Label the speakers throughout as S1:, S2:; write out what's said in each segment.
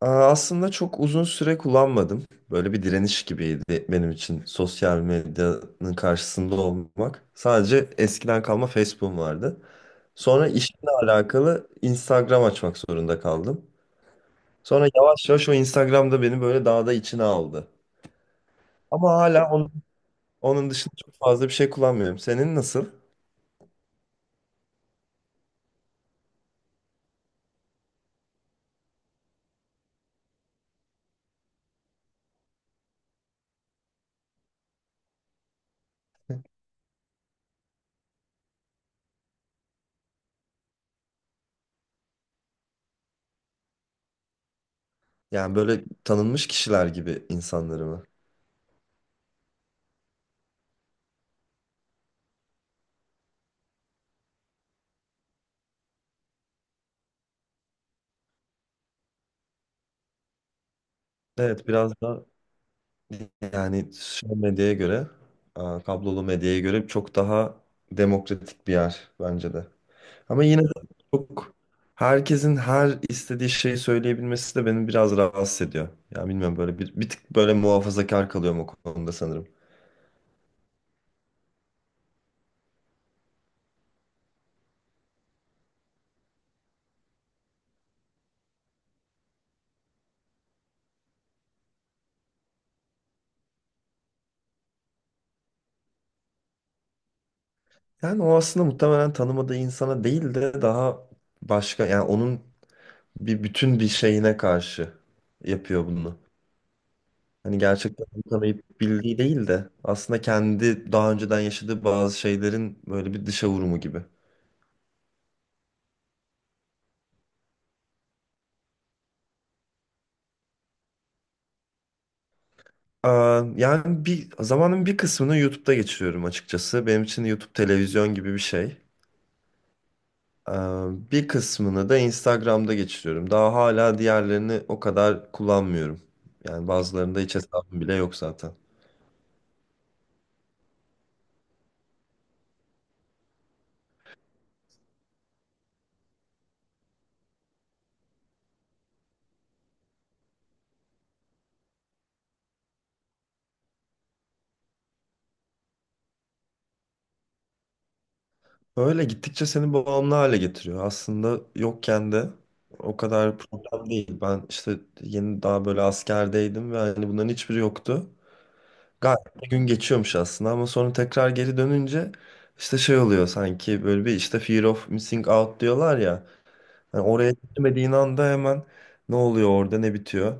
S1: Aslında çok uzun süre kullanmadım. Böyle bir direniş gibiydi benim için sosyal medyanın karşısında olmak. Sadece eskiden kalma Facebook'um vardı. Sonra işimle alakalı Instagram açmak zorunda kaldım. Sonra yavaş yavaş o Instagram'da beni böyle daha da içine aldı. Ama hala onun, dışında çok fazla bir şey kullanmıyorum. Senin nasıl? Yani böyle tanınmış kişiler gibi insanları mı? Evet, biraz da yani sosyal medyaya göre, a, kablolu medyaya göre çok daha demokratik bir yer bence de. Ama yine de çok herkesin her istediği şeyi söyleyebilmesi de beni biraz rahatsız ediyor. Ya bilmiyorum, böyle bir tık böyle muhafazakar kalıyorum o konuda sanırım. Yani o aslında muhtemelen tanımadığı insana değil de daha başka, yani onun bir bütün bir şeyine karşı yapıyor bunu. Hani gerçekten tanıyıp bildiği değil de aslında kendi daha önceden yaşadığı bazı şeylerin böyle bir dışa vurumu gibi. Yani bir zamanın bir kısmını YouTube'da geçiriyorum açıkçası. Benim için YouTube televizyon gibi bir şey. Bir kısmını da Instagram'da geçiriyorum. Daha hala diğerlerini o kadar kullanmıyorum. Yani bazılarında hiç hesabım bile yok zaten. Öyle gittikçe seni bağımlı hale getiriyor. Aslında yokken de o kadar problem değil. Ben işte yeni daha böyle askerdeydim ve hani bunların hiçbiri yoktu. Gayet bir gün geçiyormuş aslında, ama sonra tekrar geri dönünce işte şey oluyor, sanki böyle bir işte fear of missing out diyorlar ya. Hani oraya gitmediğin anda hemen ne oluyor orada, ne bitiyor.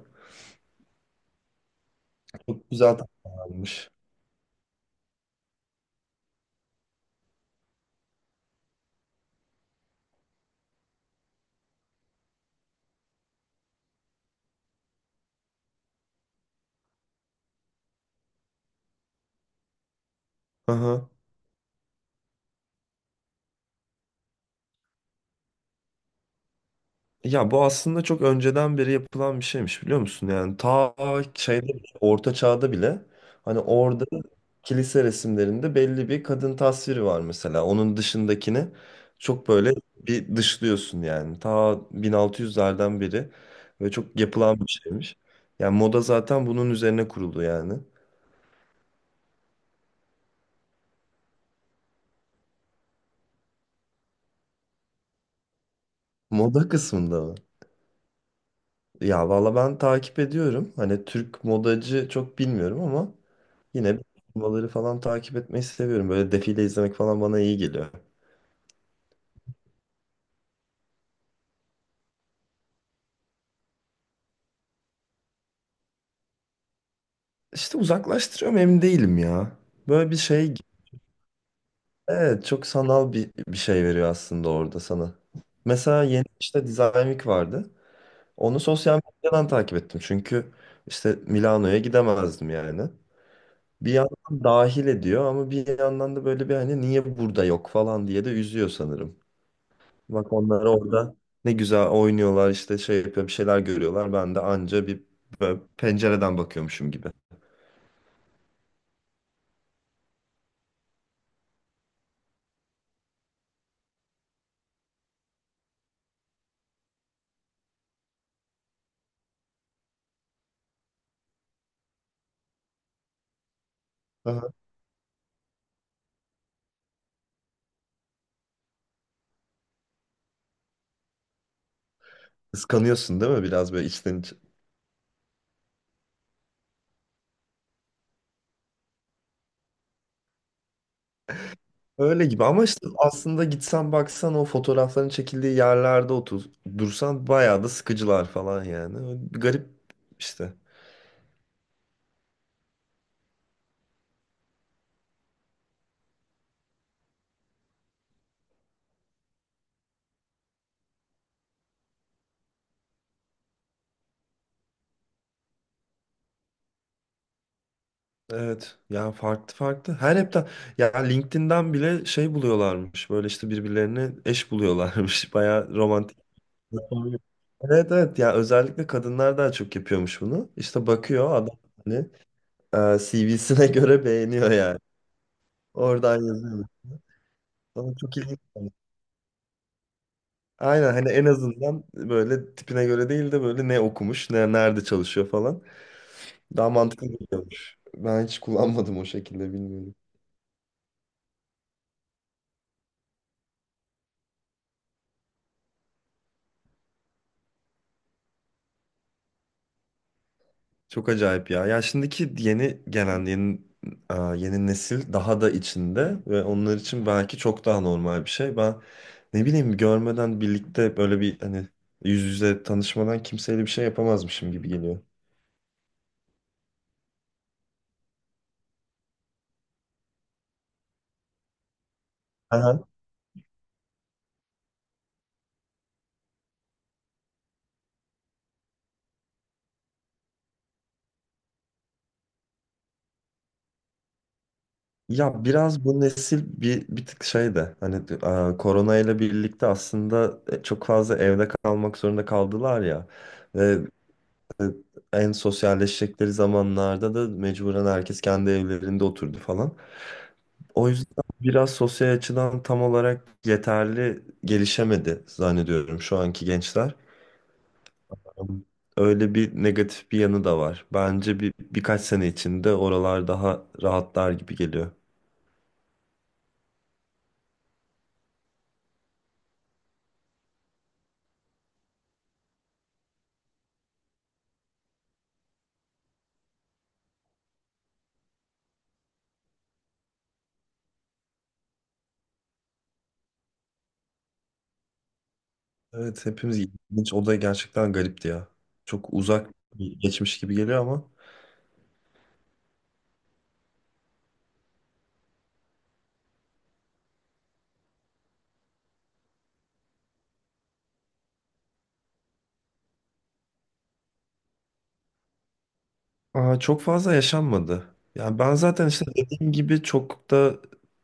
S1: Çok güzel tasarlanmış. Ya bu aslında çok önceden beri yapılan bir şeymiş, biliyor musun? Yani ta şeyde bile, Orta Çağ'da bile hani orada kilise resimlerinde belli bir kadın tasviri var mesela. Onun dışındakini çok böyle bir dışlıyorsun yani. Ta 1600'lerden beri ve çok yapılan bir şeymiş. Yani moda zaten bunun üzerine kuruldu yani. Moda kısmında mı? Ya valla ben takip ediyorum. Hani Türk modacı çok bilmiyorum ama yine de turnuvaları falan takip etmeyi seviyorum. Böyle defile izlemek falan bana iyi geliyor. İşte uzaklaştırıyorum, emin değilim ya. Böyle bir şey, evet çok sanal bir şey veriyor aslında orada sana. Mesela yeni işte Design Week vardı. Onu sosyal medyadan takip ettim. Çünkü işte Milano'ya gidemezdim yani. Bir yandan dahil ediyor ama bir yandan da böyle bir, hani niye burada yok falan diye de üzüyor sanırım. Bak onlar orada ne güzel oynuyorlar, işte şey yapıyor, bir şeyler görüyorlar. Ben de anca bir böyle pencereden bakıyormuşum gibi. Aha. Kıskanıyorsun değil mi, biraz böyle içten içe? Öyle gibi ama işte aslında gitsen baksan o fotoğrafların çekildiği yerlerde otur, dursan bayağı da sıkıcılar falan yani. Öyle bir garip işte. Evet ya, farklı farklı. Her hepten ya LinkedIn'den bile şey buluyorlarmış, böyle işte birbirlerini eş buluyorlarmış. Bayağı romantik. Yapamıyor. Evet evet ya, özellikle kadınlar daha çok yapıyormuş bunu. İşte bakıyor adam, hani CV'sine göre beğeniyor yani. Oradan yazıyor. Ama çok ilginç. Aynen, hani en azından böyle tipine göre değil de böyle ne okumuş, ne nerede çalışıyor falan. Daha mantıklı geliyormuş. Ben hiç kullanmadım o şekilde, bilmiyorum. Çok acayip ya. Ya şimdiki yeni gelen, yeni yeni nesil daha da içinde ve onlar için belki çok daha normal bir şey. Ben ne bileyim, görmeden birlikte, böyle bir hani yüz yüze tanışmadan kimseyle bir şey yapamazmışım gibi geliyor. Aha. Ya biraz bu nesil bir tık şey de, hani korona ile birlikte aslında çok fazla evde kalmak zorunda kaldılar ya. Ve e, en sosyalleşecekleri zamanlarda da mecburen herkes kendi evlerinde oturdu falan. O yüzden biraz sosyal açıdan tam olarak yeterli gelişemedi zannediyorum şu anki gençler. Öyle bir negatif bir yanı da var. Bence bir birkaç sene içinde oralar daha rahatlar gibi geliyor. Evet hepimiz, ilginç. O da gerçekten garipti ya. Çok uzak bir geçmiş gibi geliyor ama çok fazla yaşanmadı. Yani ben zaten işte dediğim gibi çok da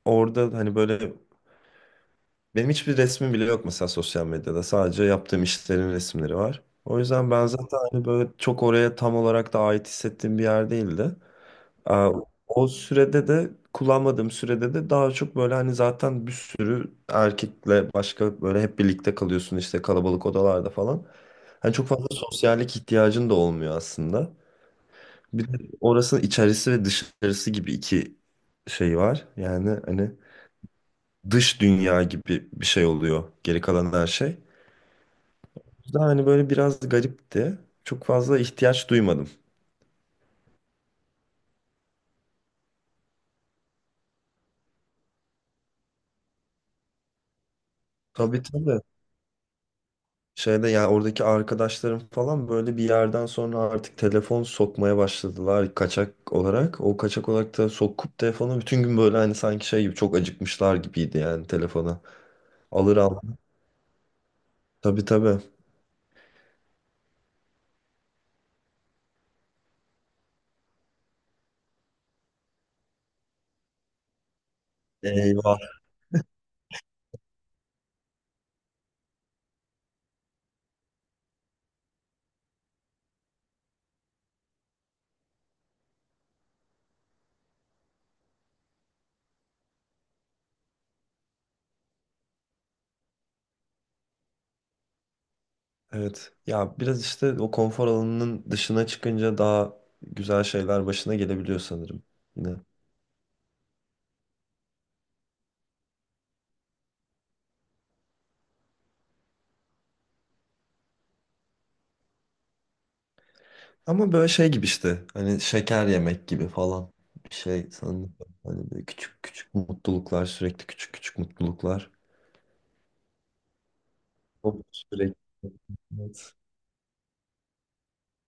S1: orada, hani böyle. Benim hiçbir resmim bile yok mesela sosyal medyada. Sadece yaptığım işlerin resimleri var. O yüzden ben zaten hani böyle çok oraya tam olarak da ait hissettiğim bir yer değildi. Ee, O sürede de, kullanmadığım sürede de daha çok böyle hani zaten bir sürü erkekle başka böyle hep birlikte kalıyorsun işte, kalabalık odalarda falan. Hani çok fazla sosyallik ihtiyacın da olmuyor aslında. Bir de orasının içerisi ve dışarısı gibi iki şey var. Yani hani dış dünya gibi bir şey oluyor geri kalan her şey. O yüzden hani böyle biraz garipti. Çok fazla ihtiyaç duymadım. Tabii tabii. Şeyde ya oradaki arkadaşlarım falan böyle bir yerden sonra artık telefon sokmaya başladılar kaçak olarak. O kaçak olarak da sokup telefonu bütün gün böyle hani sanki şey gibi, çok acıkmışlar gibiydi yani telefona. Alır al. Tabii tabii. Eyvah. Evet. Ya biraz işte o konfor alanının dışına çıkınca daha güzel şeyler başına gelebiliyor sanırım. Yine. Ama böyle şey gibi işte. Hani şeker yemek gibi falan. Bir şey sanırım. Hani böyle küçük küçük mutluluklar. Sürekli küçük küçük mutluluklar. O sürekli. Evet.